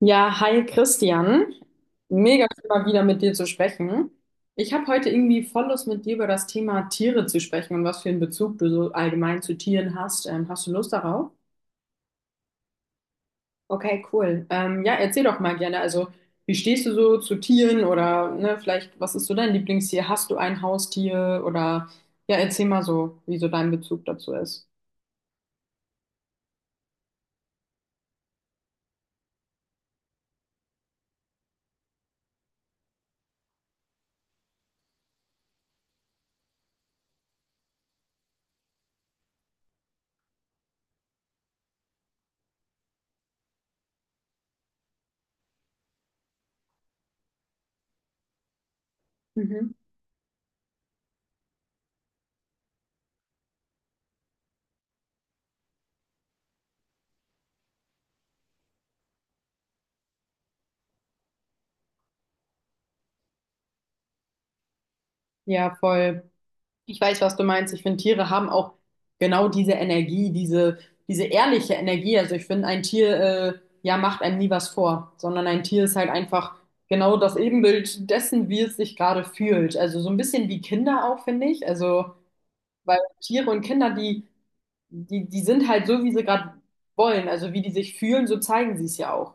Ja, hi Christian. Mega schön, mal wieder mit dir zu sprechen. Ich habe heute irgendwie voll Lust, mit dir über das Thema Tiere zu sprechen und was für einen Bezug du so allgemein zu Tieren hast. Hast du Lust darauf? Okay, cool. Ja, erzähl doch mal gerne. Also, wie stehst du so zu Tieren oder ne, vielleicht, was ist so dein Lieblingstier? Hast du ein Haustier? Oder ja, erzähl mal so, wie so dein Bezug dazu ist. Mhm. Ja, voll. Ich weiß, was du meinst. Ich finde, Tiere haben auch genau diese Energie, diese, diese ehrliche Energie. Also ich finde, ein Tier, ja, macht einem nie was vor, sondern ein Tier ist halt einfach genau das Ebenbild dessen, wie es sich gerade fühlt. Also so ein bisschen wie Kinder auch, finde ich. Also, weil Tiere und Kinder, die sind halt so, wie sie gerade wollen. Also wie die sich fühlen, so zeigen sie es ja auch.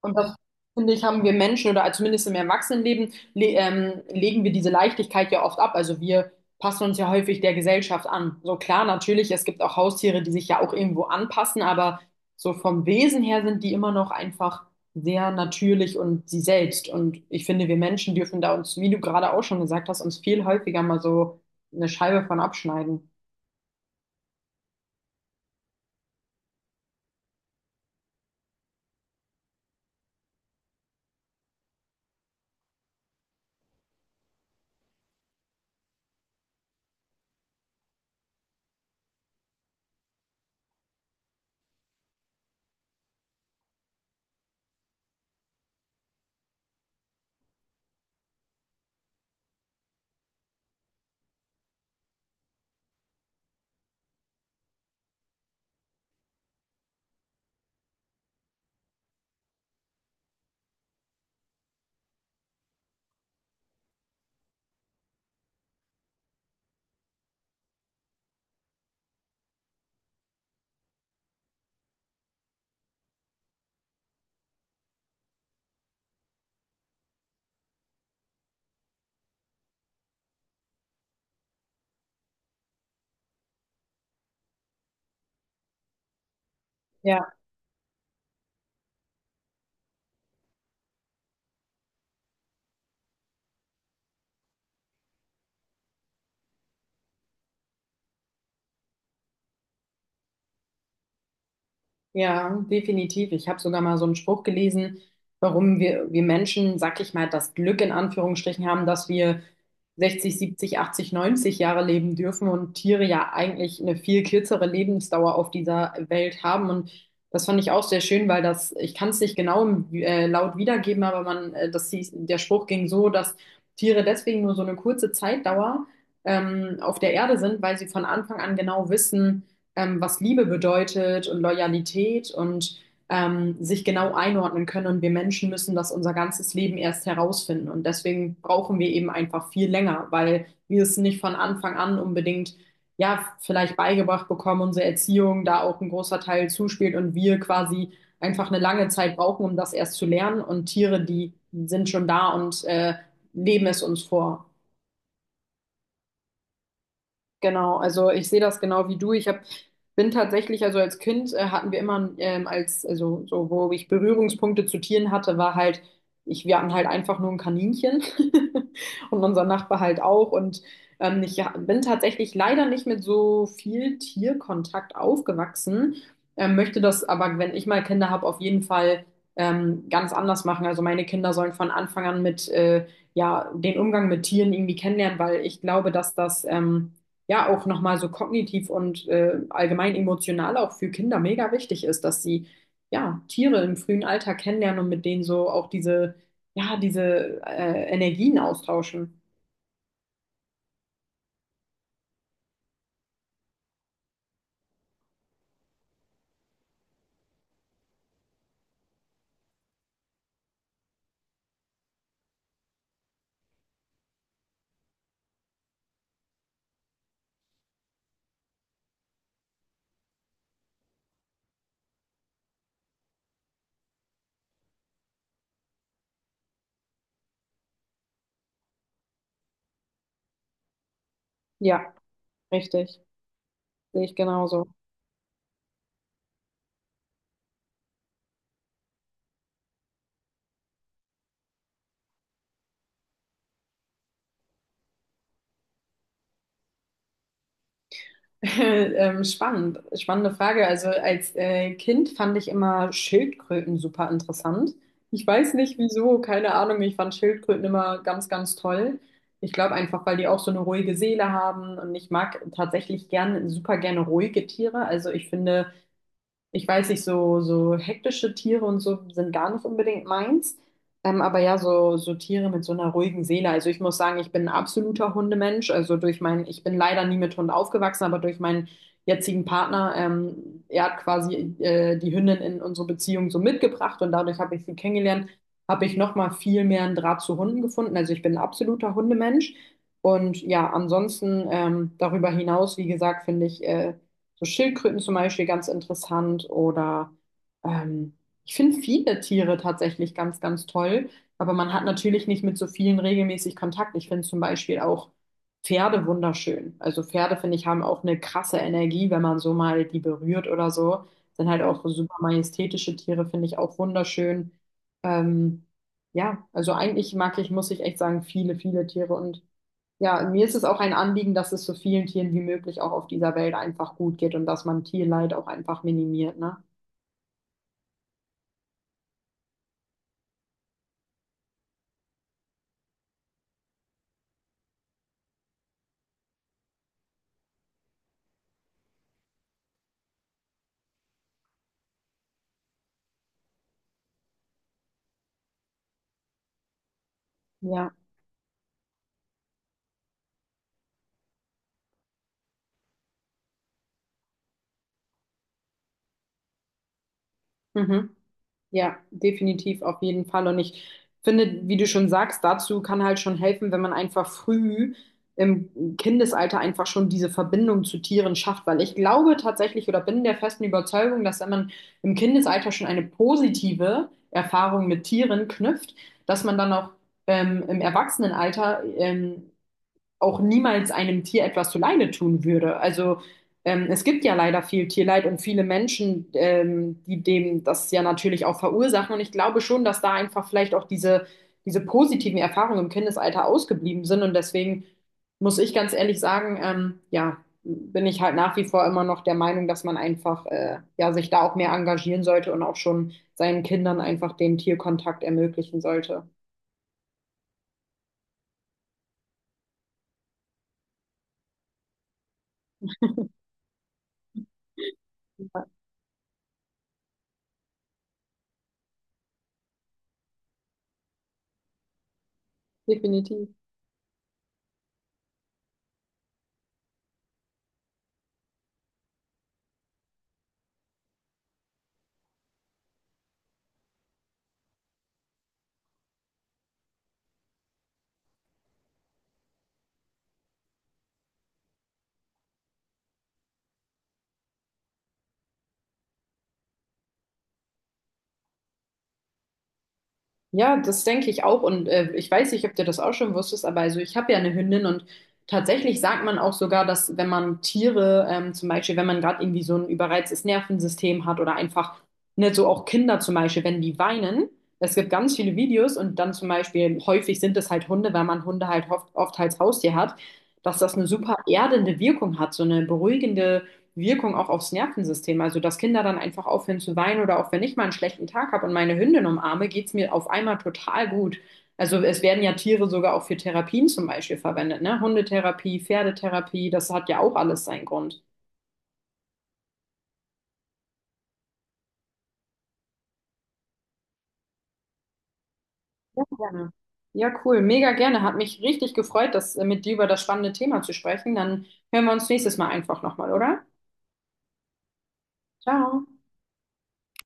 Und das, finde ich, haben wir Menschen oder also zumindest im Erwachsenenleben le legen wir diese Leichtigkeit ja oft ab. Also wir passen uns ja häufig der Gesellschaft an. So klar, natürlich, es gibt auch Haustiere, die sich ja auch irgendwo anpassen, aber so vom Wesen her sind die immer noch einfach sehr natürlich und sie selbst. Und ich finde, wir Menschen dürfen da uns, wie du gerade auch schon gesagt hast, uns viel häufiger mal so eine Scheibe von abschneiden. Ja. Ja, definitiv. Ich habe sogar mal so einen Spruch gelesen, warum wir Menschen, sag ich mal, das Glück in Anführungsstrichen haben, dass wir 60, 70, 80, 90 Jahre leben dürfen und Tiere ja eigentlich eine viel kürzere Lebensdauer auf dieser Welt haben. Und das fand ich auch sehr schön, weil das, ich kann es nicht genau laut wiedergeben, aber man, das hieß, der Spruch ging so, dass Tiere deswegen nur so eine kurze Zeitdauer auf der Erde sind, weil sie von Anfang an genau wissen, was Liebe bedeutet und Loyalität und sich genau einordnen können. Und wir Menschen müssen das unser ganzes Leben erst herausfinden. Und deswegen brauchen wir eben einfach viel länger, weil wir es nicht von Anfang an unbedingt, ja, vielleicht beigebracht bekommen, unsere Erziehung da auch ein großer Teil zuspielt und wir quasi einfach eine lange Zeit brauchen, um das erst zu lernen. Und Tiere, die sind schon da und leben es uns vor. Genau, also ich sehe das genau wie du. Bin tatsächlich, also als Kind hatten wir immer also so, wo ich Berührungspunkte zu Tieren hatte, war halt, ich, wir hatten halt einfach nur ein Kaninchen und unser Nachbar halt auch. Und bin tatsächlich leider nicht mit so viel Tierkontakt aufgewachsen, möchte das aber, wenn ich mal Kinder habe, auf jeden Fall ganz anders machen. Also meine Kinder sollen von Anfang an mit ja, den Umgang mit Tieren irgendwie kennenlernen, weil ich glaube, dass das ja auch nochmal so kognitiv und allgemein emotional auch für Kinder mega wichtig ist, dass sie ja Tiere im frühen Alter kennenlernen und mit denen so auch diese, ja, diese Energien austauschen. Ja, richtig. Sehe ich genauso. Spannende Frage. Also als Kind fand ich immer Schildkröten super interessant. Ich weiß nicht wieso, keine Ahnung. Ich fand Schildkröten immer ganz, ganz toll. Ich glaube einfach, weil die auch so eine ruhige Seele haben und ich mag tatsächlich gerne super gerne ruhige Tiere. Also ich finde ich weiß nicht, so, so hektische Tiere und so sind gar nicht unbedingt meins. Aber ja, so, so Tiere mit so einer ruhigen Seele. Also ich muss sagen, ich bin ein absoluter Hundemensch. Ich bin leider nie mit Hund aufgewachsen, aber durch meinen jetzigen Partner, er hat quasi die Hündin in unsere Beziehung so mitgebracht und dadurch habe ich sie kennengelernt, habe ich nochmal viel mehr einen Draht zu Hunden gefunden. Also ich bin ein absoluter Hundemensch. Und ja, ansonsten darüber hinaus, wie gesagt, finde ich so Schildkröten zum Beispiel ganz interessant oder ähm, ich finde viele Tiere tatsächlich ganz, ganz toll, aber man hat natürlich nicht mit so vielen regelmäßig Kontakt. Ich finde zum Beispiel auch Pferde wunderschön. Also Pferde, finde ich, haben auch eine krasse Energie, wenn man so mal die berührt oder so. Sind halt auch super majestätische Tiere, finde ich auch wunderschön. Ähm, ja, also eigentlich mag ich, muss ich echt sagen, viele, viele Tiere und ja, mir ist es auch ein Anliegen, dass es so vielen Tieren wie möglich auch auf dieser Welt einfach gut geht und dass man Tierleid auch einfach minimiert, ne? Ja, mhm. Ja, definitiv, auf jeden Fall. Und ich finde, wie du schon sagst, dazu kann halt schon helfen, wenn man einfach früh im Kindesalter einfach schon diese Verbindung zu Tieren schafft, weil ich glaube tatsächlich oder bin der festen Überzeugung, dass wenn man im Kindesalter schon eine positive Erfahrung mit Tieren knüpft, dass man dann auch im Erwachsenenalter auch niemals einem Tier etwas zuleide tun würde. Also es gibt ja leider viel Tierleid und viele Menschen, die dem das ja natürlich auch verursachen. Und ich glaube schon, dass da einfach vielleicht auch diese, diese positiven Erfahrungen im Kindesalter ausgeblieben sind. Und deswegen muss ich ganz ehrlich sagen, ja, bin ich halt nach wie vor immer noch der Meinung, dass man einfach ja, sich da auch mehr engagieren sollte und auch schon seinen Kindern einfach den Tierkontakt ermöglichen sollte. Ja, definitiv. Ja, das denke ich auch. Und ich weiß nicht, ob du das auch schon wusstest, aber also ich habe ja eine Hündin und tatsächlich sagt man auch sogar, dass wenn man Tiere, zum Beispiel, wenn man gerade irgendwie so ein überreiztes Nervensystem hat oder einfach, ne, so auch Kinder zum Beispiel, wenn die weinen, es gibt ganz viele Videos und dann zum Beispiel, häufig sind es halt Hunde, weil man Hunde halt oft, oft als Haustier hat, dass das eine super erdende Wirkung hat, so eine beruhigende Wirkung auch aufs Nervensystem. Also, dass Kinder dann einfach aufhören zu weinen oder auch wenn ich mal einen schlechten Tag habe und meine Hündin umarme, geht's mir auf einmal total gut. Also, es werden ja Tiere sogar auch für Therapien zum Beispiel verwendet, ne? Hundetherapie, Pferdetherapie, das hat ja auch alles seinen Grund. Ja, gerne. Ja, cool, mega gerne. Hat mich richtig gefreut, das mit dir über das spannende Thema zu sprechen. Dann hören wir uns nächstes Mal einfach nochmal, oder? Ciao.